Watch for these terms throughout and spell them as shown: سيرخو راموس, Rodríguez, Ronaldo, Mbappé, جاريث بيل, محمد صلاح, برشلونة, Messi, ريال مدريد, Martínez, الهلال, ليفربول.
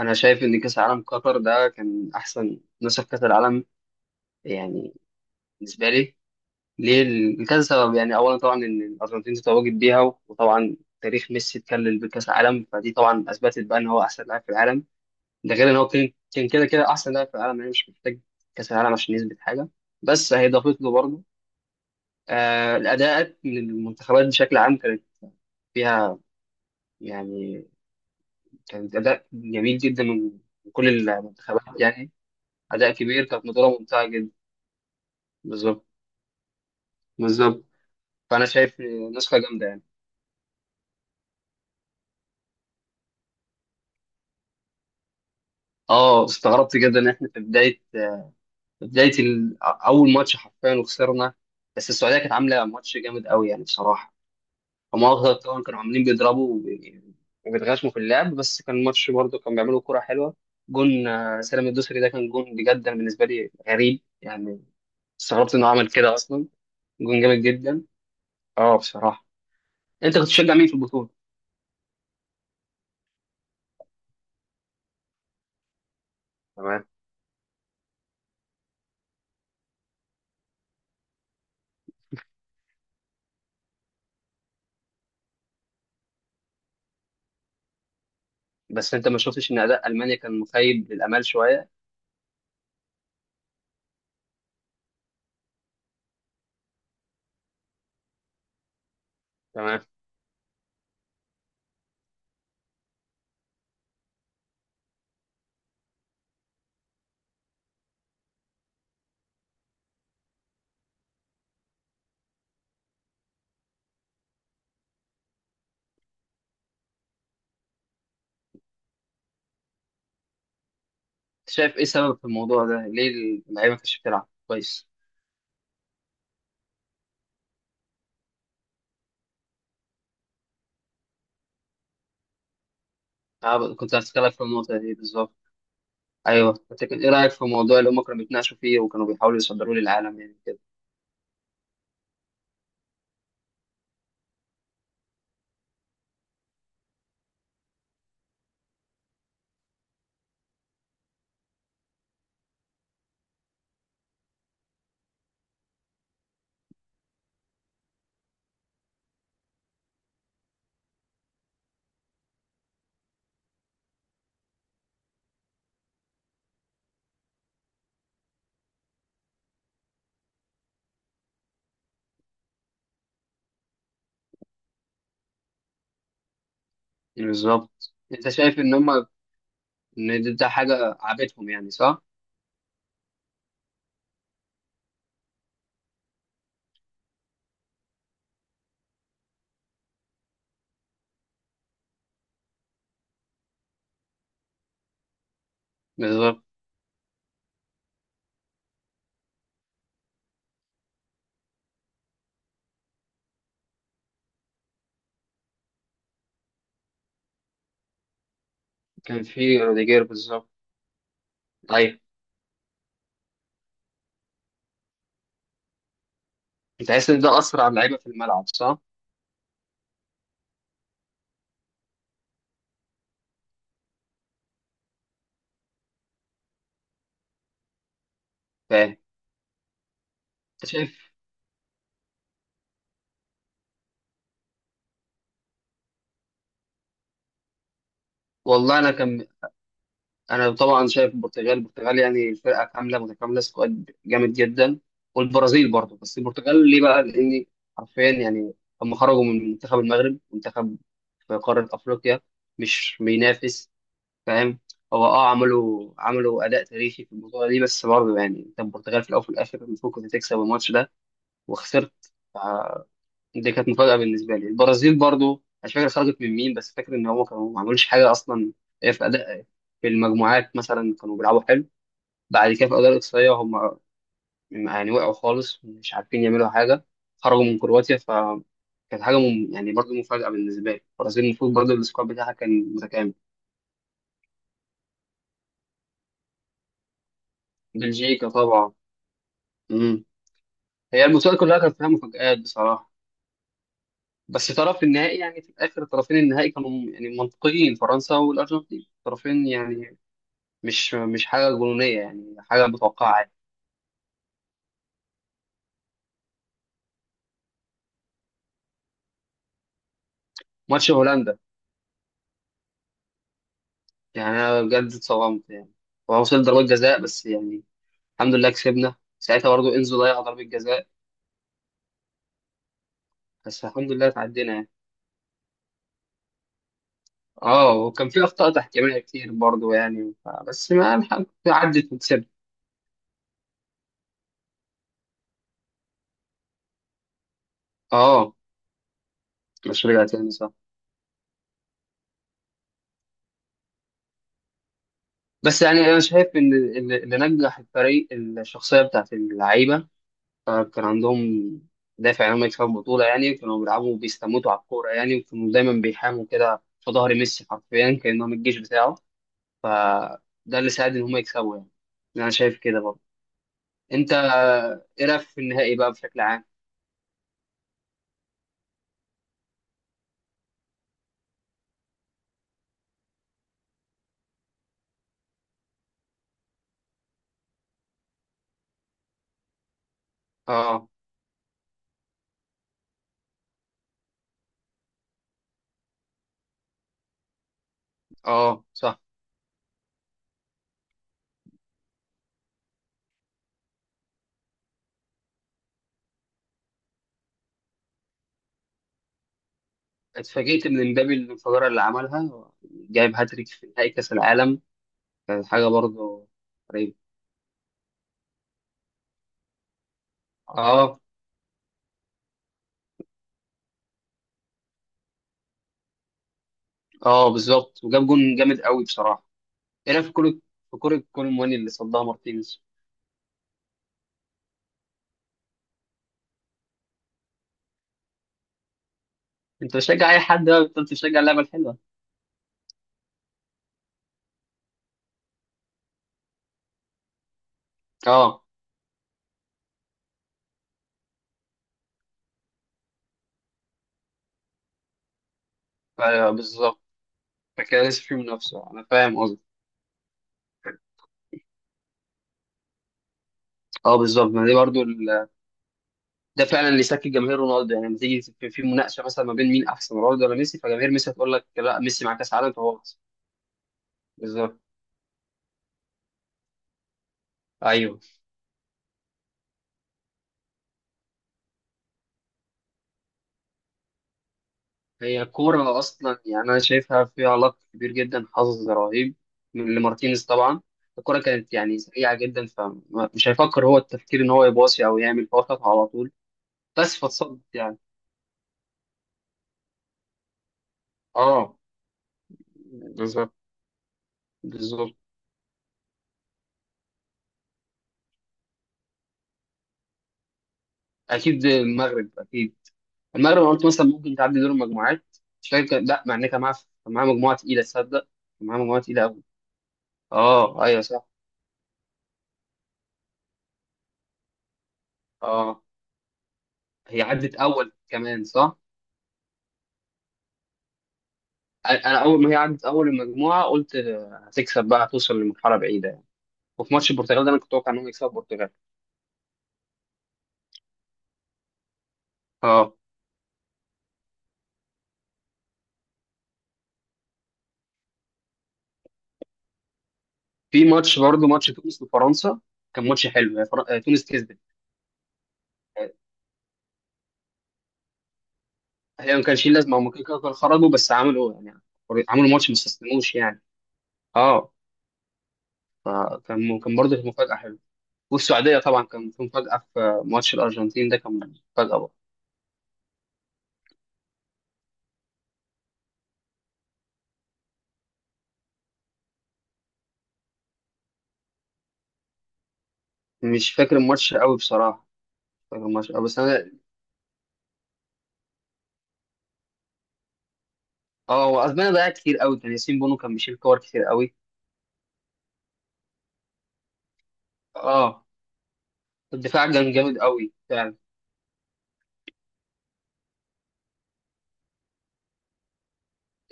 انا شايف ان كاس العالم قطر ده كان احسن نسخ كاس العالم، يعني بالنسبه لي. ليه؟ لكذا سبب. يعني اولا طبعا ان الارجنتين تتواجد بيها، وطبعا تاريخ ميسي اتكلل بكاس العالم، فدي طبعا اثبتت بقى ان هو احسن لاعب في العالم. ده غير ان هو كان كده كده احسن لاعب في العالم، يعني مش محتاج كاس العالم عشان يثبت حاجه، بس هي ضافت له برضه. الاداءات من المنتخبات بشكل عام كانت فيها، يعني كانت اداء جميل جدا من كل المنتخبات، يعني اداء كبير. كانت بطوله ممتعه جدا. بالظبط، بالظبط. فانا شايف نسخه جامده يعني. اه، استغربت جدا ان احنا في بدايه، اول ماتش حرفيا وخسرنا. بس السعوديه كانت عامله ماتش جامد قوي يعني بصراحه. هم اكتر طبعا كانوا عاملين بيضربوا وبيتغشموا في اللعب، بس كان الماتش برضه كان بيعملوا كرة حلوه. جون، سالم الدوسري ده كان جون بجد. أنا بالنسبه لي غريب يعني، استغربت انه عمل كده اصلا. جون جامد جدا، اه بصراحه. انت كنت تشجع مين في البطوله؟ تمام. بس انت ما شفتش ان اداء المانيا كان مخيب للامال شويه؟ تمام. شايف ايه سبب في الموضوع ده، ليه اللعيبه ما كانتش بتلعب كويس؟ أنا كنت هتكلم في النقطه دي بالظبط. ايوه، لكن ايه رايك في الموضوع اللي هم كانوا بيتناقشوا فيه وكانوا بيحاولوا يصدروه للعالم يعني كده؟ بالظبط. انت شايف ان هم، ان ده حاجه عابتهم يعني، صح؟ بالظبط. كان في روديجير، بالظبط. ايوه. انت حاسس ان ده اثر على اللعيبه في الملعب، صح؟ فاهم. انت شايف. والله انا كان انا طبعا شايف البرتغال، البرتغال يعني الفرقه كامله متكامله، سكواد جامد جدا. والبرازيل برضه. بس البرتغال ليه بقى؟ لان حرفيا يعني هم خرجوا من منتخب المغرب، منتخب في قاره افريقيا مش بينافس. فاهم. هو عملوا اداء تاريخي في البطوله دي. بس برضه يعني انت البرتغال في الاول وفي الاخر المفروض كنت تكسب الماتش ده، وخسرت. دي كانت مفاجأة بالنسبة لي. البرازيل برضو مش فاكر خرجت من مين، بس فاكر ان هم كانوا ما عملوش حاجة اصلا. هي في اداء في المجموعات مثلا كانوا بيلعبوا حلو. بعد كده في الاداء الاقصائية هم يعني وقعوا خالص، مش عارفين يعملوا حاجة، خرجوا من كرواتيا. فكانت حاجة يعني، برضو مفاجأة بالنسبة لي. البرازيل المفروض برضو السكواد بتاعها كان متكامل. بلجيكا طبعا. مم. هي المسابقة كلها كانت فيها مفاجآت بصراحة. بس طرف النهائي يعني، في الاخر طرفين النهائي كانوا يعني منطقيين، فرنسا والارجنتين طرفين يعني مش حاجة جنونية، يعني حاجة متوقعة عادي. ماتش هولندا، يعني أنا بجد اتصدمت يعني. هو وصل ضربات جزاء بس يعني، الحمد لله كسبنا ساعتها. برضه إنزو ضيع ضربة جزاء، بس الحمد لله اتعدينا يعني. اه. وكان في أخطاء تحكيمية كتير برضه يعني، بس ما الحمد لله عدت وكسبت. اه، مش رجع تاني، صح. بس يعني أنا شايف إن اللي نجح الفريق الشخصية بتاعت اللعيبة. فكان عندهم دافع إنهم يكسبوا البطولة يعني، كانوا بيلعبوا وبيستموتوا على الكورة يعني، وكانوا دايما بيحاموا كده في ظهر ميسي، حرفيا كأنهم الجيش بتاعه. فده اللي ساعد إن هم يكسبوا يعني. أنا شايف كده برضه. أنت، إيه رأيك في النهائي بقى بشكل عام؟ اه، اه، صح. اتفاجئت من امبابي الانفجارة اللي عملها. جايب هاتريك في نهائي كأس العالم، كانت حاجة برضه غريبة. اه. اه، بالظبط. وجاب جون جامد قوي بصراحة. ايه رأيك في كرة كولر مواني اللي صدها مارتينيز؟ انت بتشجع اي حد بقى، انت بتشجع اللعبه الحلوه. اه، ايوه، بالظبط. فكده لسه في منافسه، انا فاهم قصدي. اه، بالظبط. ما دي برضو ال... ده فعلا اللي يسكت جماهير رونالدو، يعني لما تيجي في مناقشه مثلا ما بين مين احسن، رونالدو ولا ميسي، فجماهير ميسي هتقول لك لا، ميسي مع كاس عالم فهو احسن. بالظبط، ايوه. هي كوره اصلا، يعني انا شايفها فيها علاقه كبير جدا، حظ رهيب من لمارتينيز طبعا. الكوره كانت يعني سريعه جدا، فمش هيفكر هو التفكير ان هو يباصي او يعمل، هو خطها على طول بس فاتصدت يعني. اه، بالظبط، بالظبط. اكيد المغرب، اكيد. المغرب انا قلت مثلا ممكن تعدي دور المجموعات. مش فاكر لا، مع ان كان معاها مجموعه تقيله، تصدق. كان معاها مجموعه تقيله قوي. اه، ايوه، صح. اه، هي عدت اول كمان، صح. انا اول ما هي عدت اول المجموعه قلت هتكسب بقى، هتوصل لمرحله بعيده يعني. وفي ماتش البرتغال ده انا كنت متوقع انهم يكسبوا البرتغال. اه، في ماتش برضه، ماتش تونس وفرنسا كان ماتش حلو. هي فر... آه، تونس كسبت. آه، هي ما كانش ليه لازمه، هم كده كده كانوا خرجوا بس عملوا يعني، عملوا ماتش ما استسلموش يعني. اه. فكان برضه كانت مفاجأة حلوة. والسعودية طبعا كان في مفاجأة في ماتش الأرجنتين ده، كان مفاجأة برضه. مش فاكر الماتش قوي بصراحة. مش فاكر الماتش قوي، بس أنا. اه، هو أسبانيا ضيعت كتير قوي، كان ياسين بونو كان بيشيل كور كتير قوي. اه، الدفاع كان جامد قوي فعلا.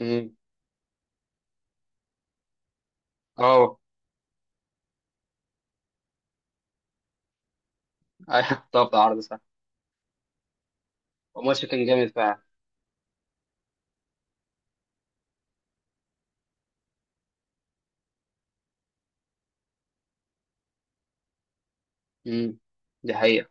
امم. اه، ايوه طبعا عرض، صح. الماتش كان جامد فعلا. امم دي حقيقة.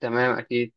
تمام، أكيد.